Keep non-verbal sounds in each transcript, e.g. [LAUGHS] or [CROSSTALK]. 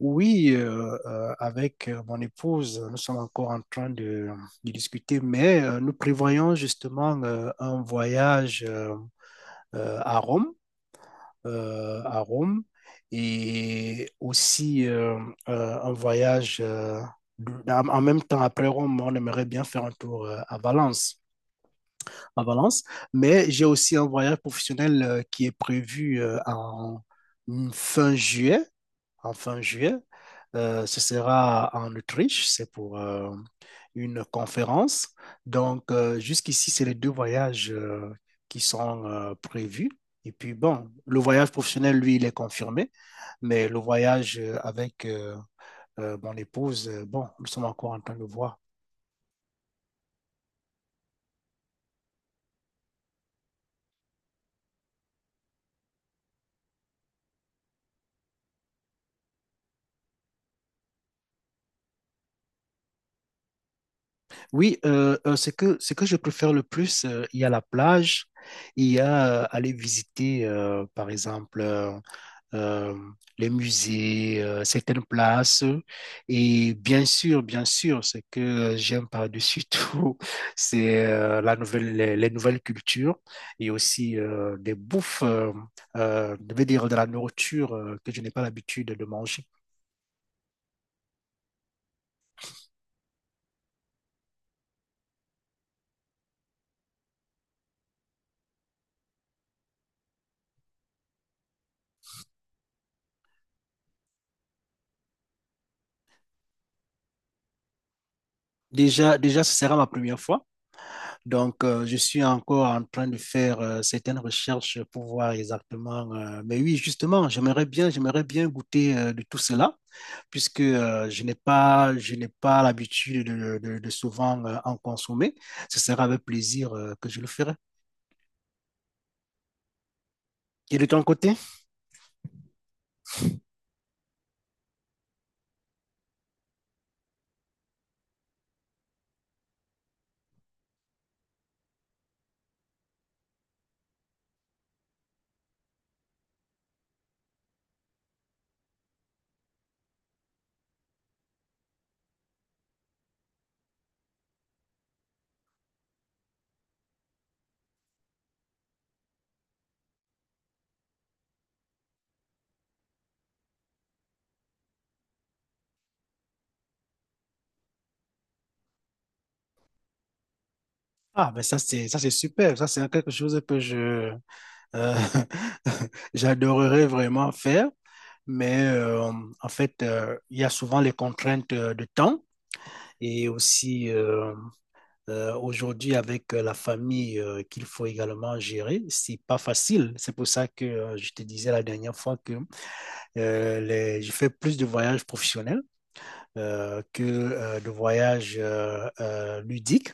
Oui, avec mon épouse, nous sommes encore en train de discuter, mais nous prévoyons justement un voyage à Rome, euh, à Rome, et aussi un voyage en même temps après Rome, on aimerait bien faire un tour à Valence, mais j'ai aussi un voyage professionnel qui est prévu en fin juillet en fin juillet. Ce sera en Autriche, c'est pour une conférence. Donc, jusqu'ici, c'est les deux voyages qui sont prévus. Et puis, bon, le voyage professionnel, lui, il est confirmé, mais le voyage avec mon épouse, bon, nous sommes encore en train de voir. Oui, ce que je préfère le plus, il y a la plage, il y a aller visiter, par exemple, euh, les musées, certaines places. Et bien sûr, ce que j'aime par-dessus tout, [LAUGHS] c'est les nouvelles cultures et aussi des bouffes, je vais dire de la nourriture que je n'ai pas l'habitude de manger. Déjà, déjà, ce sera ma première fois. Donc, je suis encore en train de faire certaines recherches pour voir exactement. Mais oui, justement, j'aimerais bien goûter de tout cela. Puisque je n'ai pas l'habitude de souvent en consommer. Ce sera avec plaisir que je le ferai. Et de ton côté? Ah, ben ça, c'est super. Ça, c'est quelque chose que je, euh, [LAUGHS] j'adorerais vraiment faire. Mais en fait, il y a souvent les contraintes de temps et aussi aujourd'hui avec la famille qu'il faut également gérer. C'est pas facile. C'est pour ça que je te disais la dernière fois que j'ai fait plus de voyages professionnels que de voyages ludiques.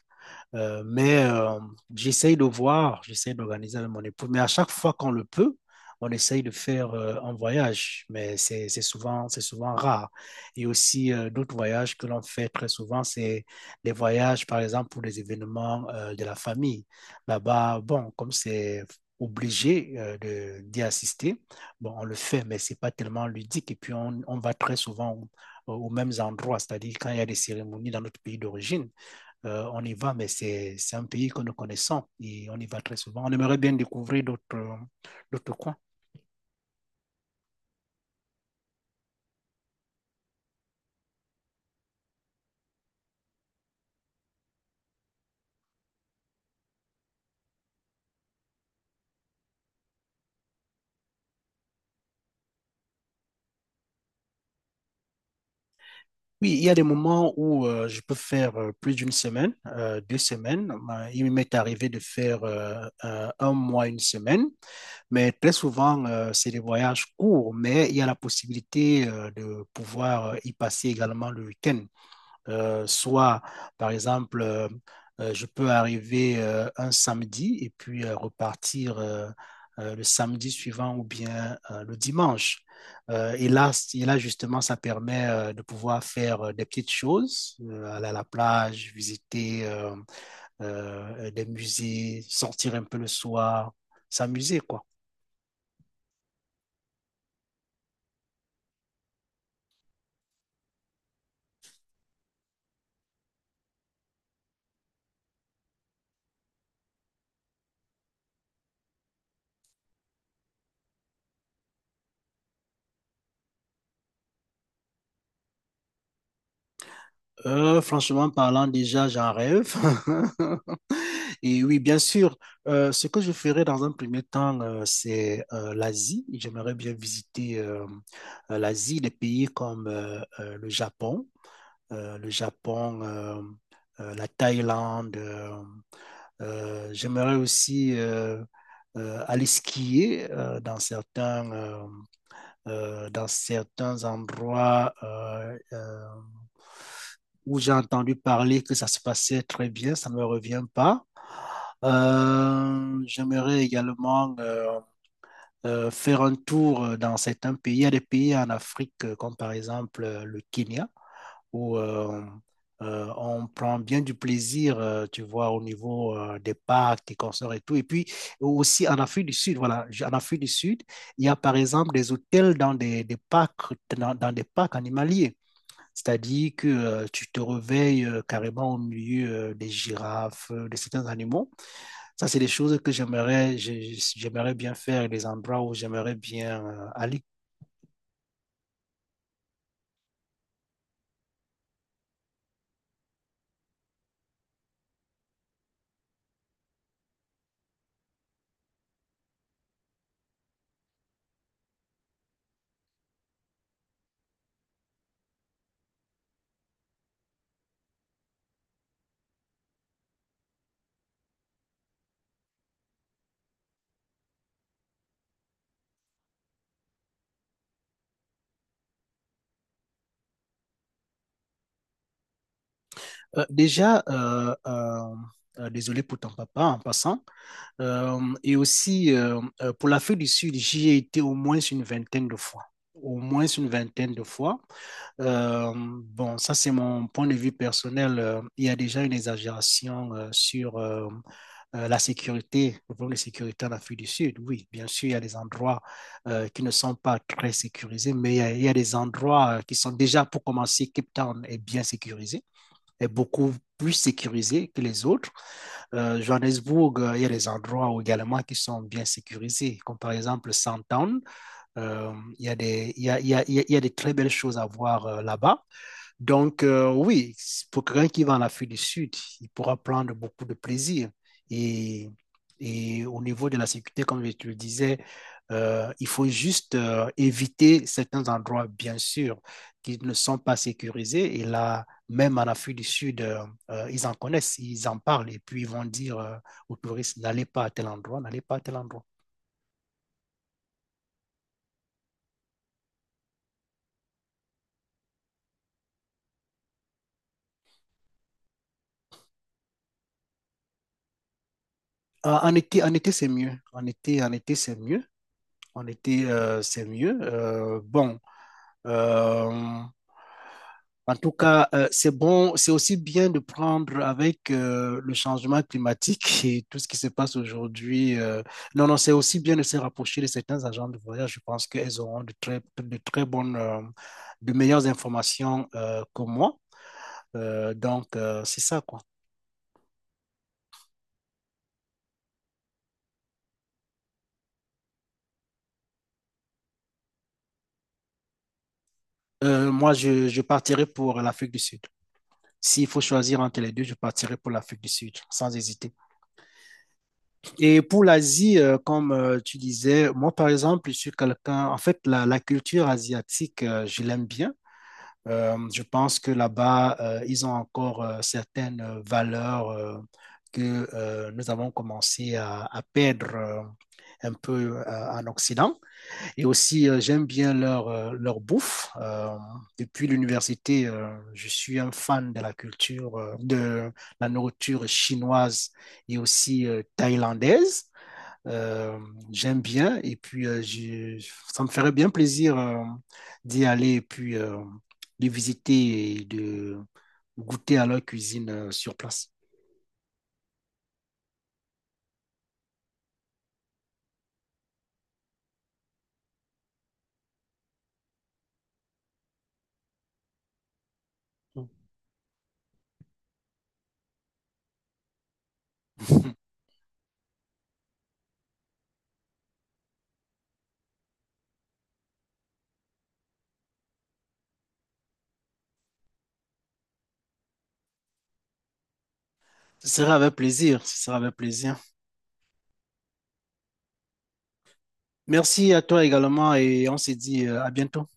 Mais j'essaye de voir, j'essaye d'organiser avec mon époux. Mais à chaque fois qu'on le peut, on essaye de faire un voyage, mais c'est souvent rare. Et aussi, d'autres voyages que l'on fait très souvent, c'est des voyages, par exemple, pour les événements de la famille. Là-bas, bon, comme c'est obligé d'y assister, bon, on le fait, mais c'est pas tellement ludique. Et puis, on va très souvent aux mêmes endroits, c'est-à-dire quand il y a des cérémonies dans notre pays d'origine. On y va, mais c'est un pays que nous connaissons et on y va très souvent. On aimerait bien découvrir d'autres coins. Oui, il y a des moments où je peux faire plus d'une semaine, deux semaines. Il m'est arrivé de faire un mois, une semaine, mais très souvent, c'est des voyages courts, mais il y a la possibilité de pouvoir y passer également le week-end. Soit, par exemple, je peux arriver un samedi et puis repartir le samedi suivant ou bien le dimanche. Et là, justement, ça permet de pouvoir faire des petites choses, aller à la plage, visiter des musées, sortir un peu le soir, s'amuser, quoi. Franchement parlant, déjà, j'en rêve. [LAUGHS] Et oui, bien sûr, ce que je ferai dans un premier temps, c'est l'Asie. J'aimerais bien visiter l'Asie, des pays comme le Japon, la Thaïlande. J'aimerais aussi aller skier dans certains endroits où j'ai entendu parler que ça se passait très bien, ça ne me revient pas. J'aimerais également faire un tour dans certains pays. Il y a des pays en Afrique, comme par exemple le Kenya où on prend bien du plaisir, tu vois, au niveau des parcs, des concerts et tout. Et puis aussi en Afrique du Sud, voilà, en Afrique du Sud, il y a par exemple des hôtels des parcs, dans des parcs animaliers. C'est-à-dire que tu te réveilles carrément au milieu des girafes, de certains animaux. Ça, c'est des choses que j'aimerais bien faire, des endroits où j'aimerais bien aller. Euh, déjà, euh, euh, Désolé pour ton papa en passant. Pour l'Afrique du Sud, j'y ai été au moins une vingtaine de fois. Au moins une vingtaine de fois. Bon, ça, c'est mon point de vue personnel. Il y a déjà une exagération sur la sécurité, le problème de sécurité en Afrique du Sud. Oui, bien sûr, il y a des endroits qui ne sont pas très sécurisés, mais il y a des endroits qui sont déjà, pour commencer, Cape Town est bien sécurisé est beaucoup plus sécurisé que les autres. Johannesburg, il y a des endroits également qui sont bien sécurisés, comme par exemple Sandton. Il, y a des, il, y a, il, y a, il y a des très belles choses à voir là-bas. Donc, oui, pour quelqu'un qui va en Afrique du Sud, il pourra prendre beaucoup de plaisir. Et, et au niveau de la sécurité, comme je te le disais, il faut juste éviter certains endroits, bien sûr, qui ne sont pas sécurisés. Et là, même en Afrique du Sud, ils en connaissent, ils en parlent. Et puis, ils vont dire aux touristes, n'allez pas à tel endroit, n'allez pas à tel endroit. En été, en été, c'est mieux. En été, c'est mieux. En été, c'est mieux. Bon, Euh, en tout cas, c'est bon, c'est aussi bien de prendre avec le changement climatique [LAUGHS] et tout ce qui se passe aujourd'hui. Non, non, c'est aussi bien de se rapprocher de certains agents de voyage. Je pense qu'elles auront de meilleures informations que moi. Donc, c'est ça, quoi. Moi, je partirai pour l'Afrique du Sud. S'il faut choisir entre les deux, je partirai pour l'Afrique du Sud, sans hésiter. Et pour l'Asie, comme tu disais, moi par exemple, je suis quelqu'un, en fait, la culture asiatique, je l'aime bien. Je pense que là-bas, ils ont encore certaines valeurs que nous avons commencé à perdre un peu en Occident. Et aussi, j'aime bien leur bouffe. Depuis l'université, je suis un fan de la culture, de la nourriture chinoise et aussi thaïlandaise. Euh, J'aime bien et puis ça me ferait bien plaisir d'y aller et puis de visiter et de goûter à leur cuisine sur place. Mm. [LAUGHS] Ce sera avec plaisir, ce sera avec plaisir. Merci à toi également et on se dit à bientôt.